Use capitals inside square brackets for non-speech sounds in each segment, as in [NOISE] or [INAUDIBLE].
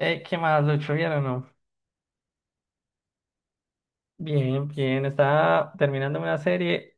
¿Qué más, Lucho? ¿Bien o no? Bien, bien. Estaba terminando una serie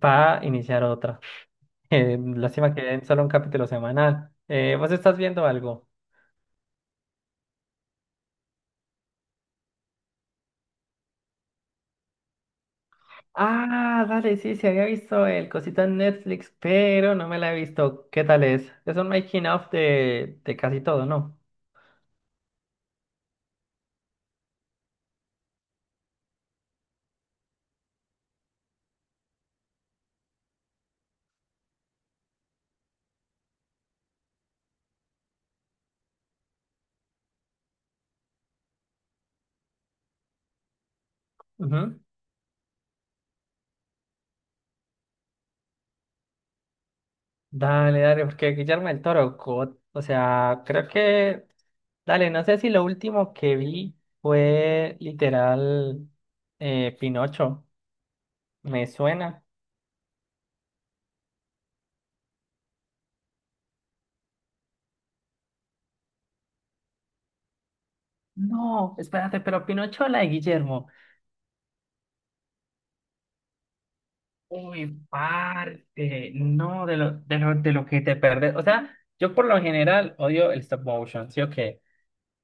para iniciar otra. [LAUGHS] Lástima que den solo un capítulo semanal. ¿Vos estás viendo algo? Ah, dale, sí, sí, había visto el cosito en Netflix, pero no me la he visto. ¿Qué tal es? Es un making of de casi todo, ¿no? Ujú. Dale, dale, porque Guillermo del Toro, God. O sea, creo que... Dale, no sé si lo último que vi fue literal Pinocho. Me suena. No, espérate, pero Pinocho, o la de Guillermo. Uy, parte. No, de lo que te perdes. O sea, yo por lo general odio el stop motion, ¿sí o qué?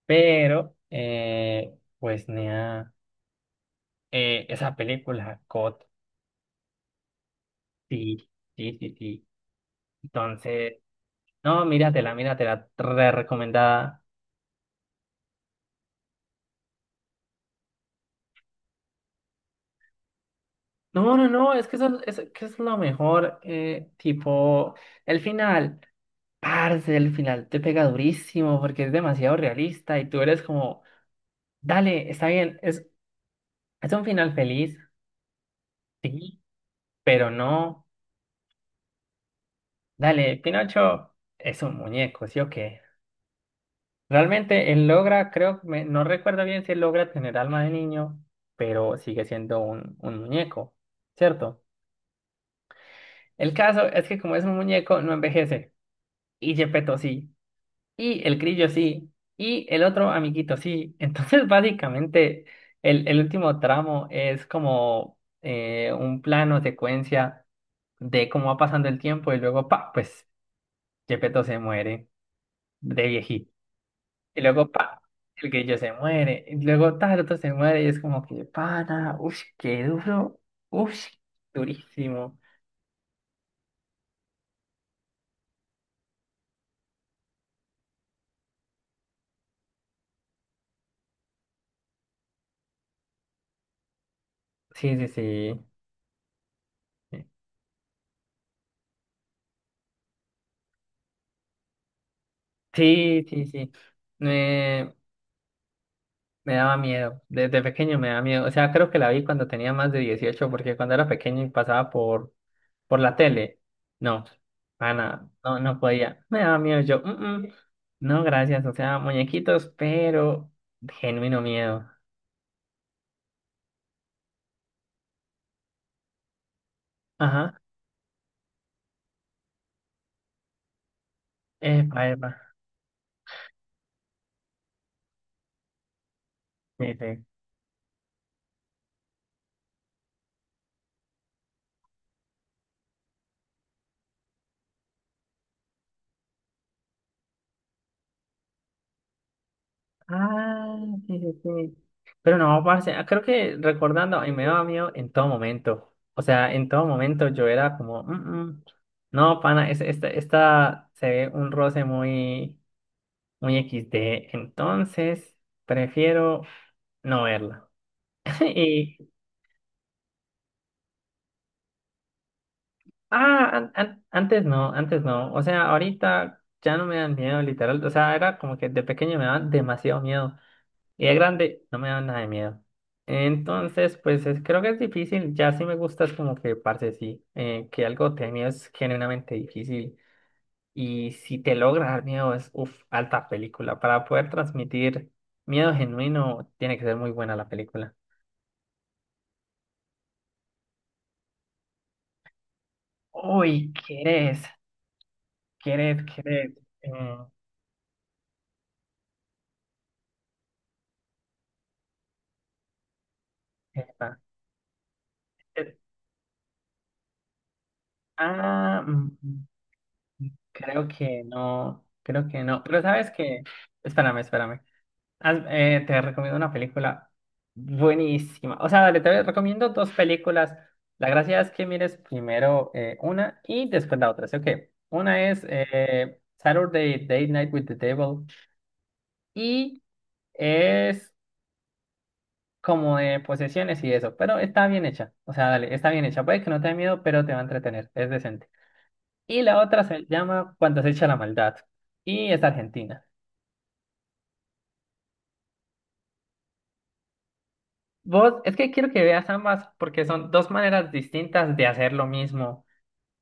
Pero, pues, nea, esa película, God, sí, sí, sí, sí. Entonces, no, míratela, míratela, re recomendada. No, no, no, es que eso, es, que es lo mejor, tipo, el final. Parce, el final te pega durísimo porque es demasiado realista y tú eres como, dale, está bien, es un final feliz, sí, pero no, dale, Pinocho es un muñeco, ¿sí o qué? Realmente él logra, creo, no recuerdo bien si él logra tener alma de niño, pero sigue siendo un muñeco, ¿cierto? El caso es que como es un muñeco, no envejece y Gepetto sí. Y el grillo sí, y el otro amiguito sí. Entonces, [LAUGHS] básicamente, el último tramo es como un plano secuencia de cómo va pasando el tiempo y luego, pa, pues Gepetto se muere de viejito. Y luego, pa, el grillo se muere. Y luego, tal, otro se muere y es como que, pana, uff, qué duro, uff, durísimo. Sí, sí, sí. Sí, sí, sí. Eh, Me daba miedo, desde pequeño me daba miedo. O sea, creo que la vi cuando tenía más de 18 porque cuando era pequeño y pasaba por la tele, no, pana, no, no podía. Me daba miedo, yo, "Mm, mm, no, gracias, o sea, muñequitos, pero genuino miedo". Ajá, epa, epa. Sí, sí. Ah, sí, sí, sí. Pero no, parce, ah, creo que recordando, y me daba miedo en todo momento. O sea, en todo momento yo era como, "Mm, mm, no, pana, esta, esta se ve un roce muy, muy XD". Entonces, prefiero no verla. [LAUGHS] Y, ah, antes no, antes no. O sea, ahorita ya no me dan miedo, literal. O sea, era como que de pequeño me daban demasiado miedo. Y de grande no me da nada de miedo. Entonces, pues creo que es difícil. Ya sí me gusta, es como que, parce, sí, que algo te dé miedo es genuinamente difícil. Y si te logra dar miedo, es, uff, alta película. Para poder transmitir miedo genuino, tiene que ser muy buena la película. Uy, ¿quieres? ¿Quieres? ¿Quieres? Eh, esta. Eh, ah, mm, creo que no, creo que no. Pero sabes que, espérame, espérame. Te recomiendo una película buenísima. O sea, dale, te recomiendo dos películas. La gracia es que mires primero una y después la otra. Así que una es Saturday Date Night with the Devil y es como de posesiones y eso, pero está bien hecha. O sea, dale, está bien hecha. Puede que no te dé miedo, pero te va a entretener. Es decente. Y la otra se llama Cuando se echa la maldad y es argentina. Vos, es que quiero que veas ambas porque son dos maneras distintas de hacer lo mismo.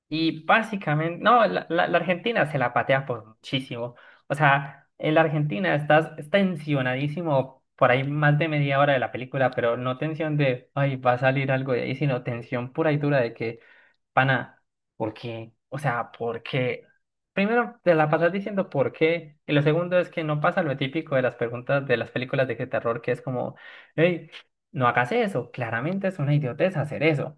Y básicamente, no, la Argentina se la patea por muchísimo. O sea, en la Argentina estás tensionadísimo por ahí más de media hora de la película, pero no tensión de, ay, va a salir algo de ahí, sino tensión pura y dura de que, pana, ¿por qué? O sea, ¿por qué? Primero te la pasas diciendo por qué, y lo segundo es que no pasa lo típico de las preguntas de las películas de terror, que es como, hey, no hagas eso, claramente es una idiotez hacer eso.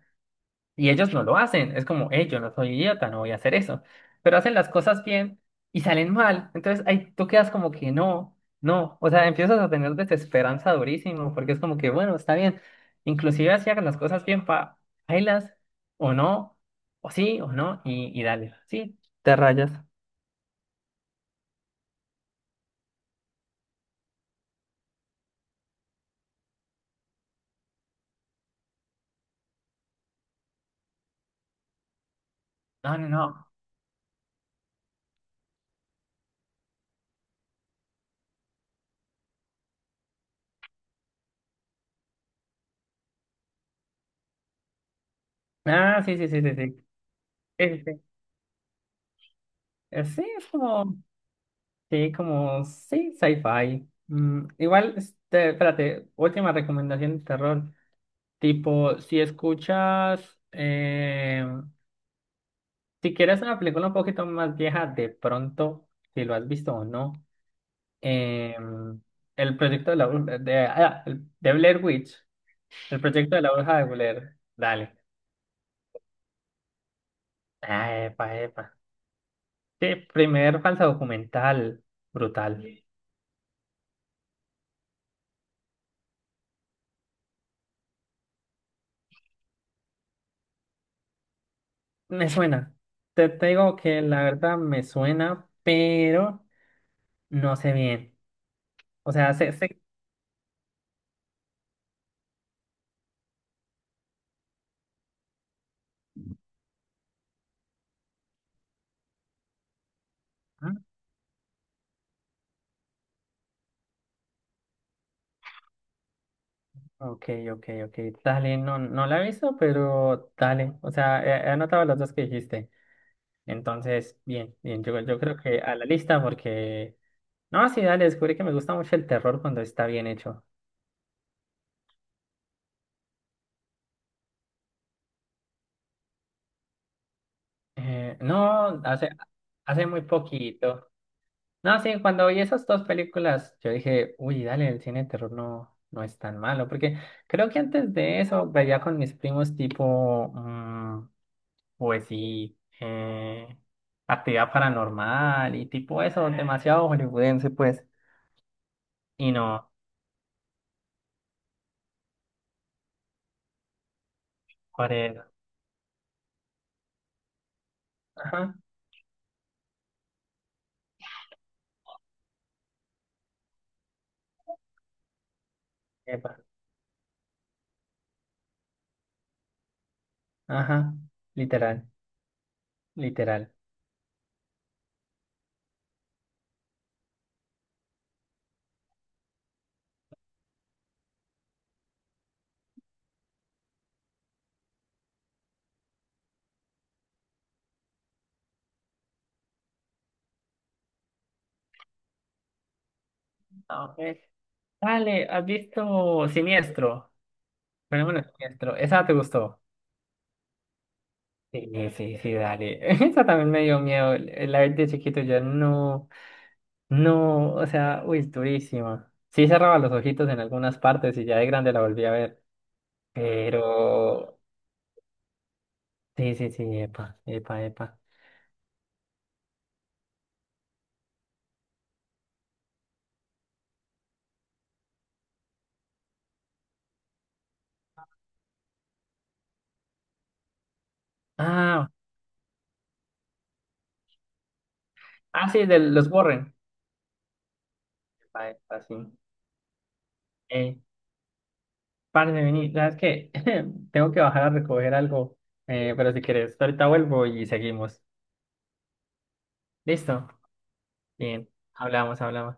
Y ellos no lo hacen. Es como, hey, yo no soy idiota, no voy a hacer eso. Pero hacen las cosas bien y salen mal. Entonces ahí tú quedas como que no, no. O sea, empiezas a tener desesperanza durísimo porque es como que, bueno, está bien. Inclusive si hagan las cosas bien, pa, bailas o no, o sí o no, y dale. Sí, te rayas. No, no, no. Ah, sí, sí, sí, sí, sí. Sí, sí, sí. Sí, es como, sí, sci-fi. Mm, igual, este, espérate, última recomendación de terror. Tipo, si escuchas, si quieres una película un poquito más vieja, de pronto, si lo has visto o no, eh, el proyecto de la bruja, de, de Blair Witch, el proyecto de la bruja de Blair, dale. Ah, epa, epa. Sí, primer falsa documental, brutal. Me suena. Te digo que la verdad me suena, pero no sé bien. O sea, sé, sé. Ok, ok, ok. Dale, no, no la he visto, pero dale. O sea, he anotado las dos que dijiste. Entonces, bien, bien. Yo creo que a la lista, porque. No, sí, dale, descubrí que me gusta mucho el terror cuando está bien hecho. No, hace muy poquito. No, sí, cuando vi esas dos películas, yo dije, uy, dale, el cine de terror no, no es tan malo, porque creo que antes de eso veía con mis primos tipo, mm, pues sí, actividad paranormal y tipo eso, demasiado hollywoodense, pues, y no, Corea. Ajá, epa, ajá, literal, literal. Ah, ok. Dale, ¿has visto Siniestro? Fenómeno Siniestro, esa te gustó. Sí, sí, sí, dale. [LAUGHS] Eso también me dio miedo. La vez de chiquito yo no, no, o sea, uy, es durísima. Sí cerraba los ojitos en algunas partes y ya de grande la volví a ver. Pero, sí, sí, sí, epa, epa, epa. Ah, ah, sí, de los Warren. Epa, epa, sí. Eh, parce, vení, ¿sabes qué? [LAUGHS] Tengo que bajar a recoger algo. Pero si quieres, ahorita vuelvo y seguimos. ¿Listo? Bien, hablamos, hablamos.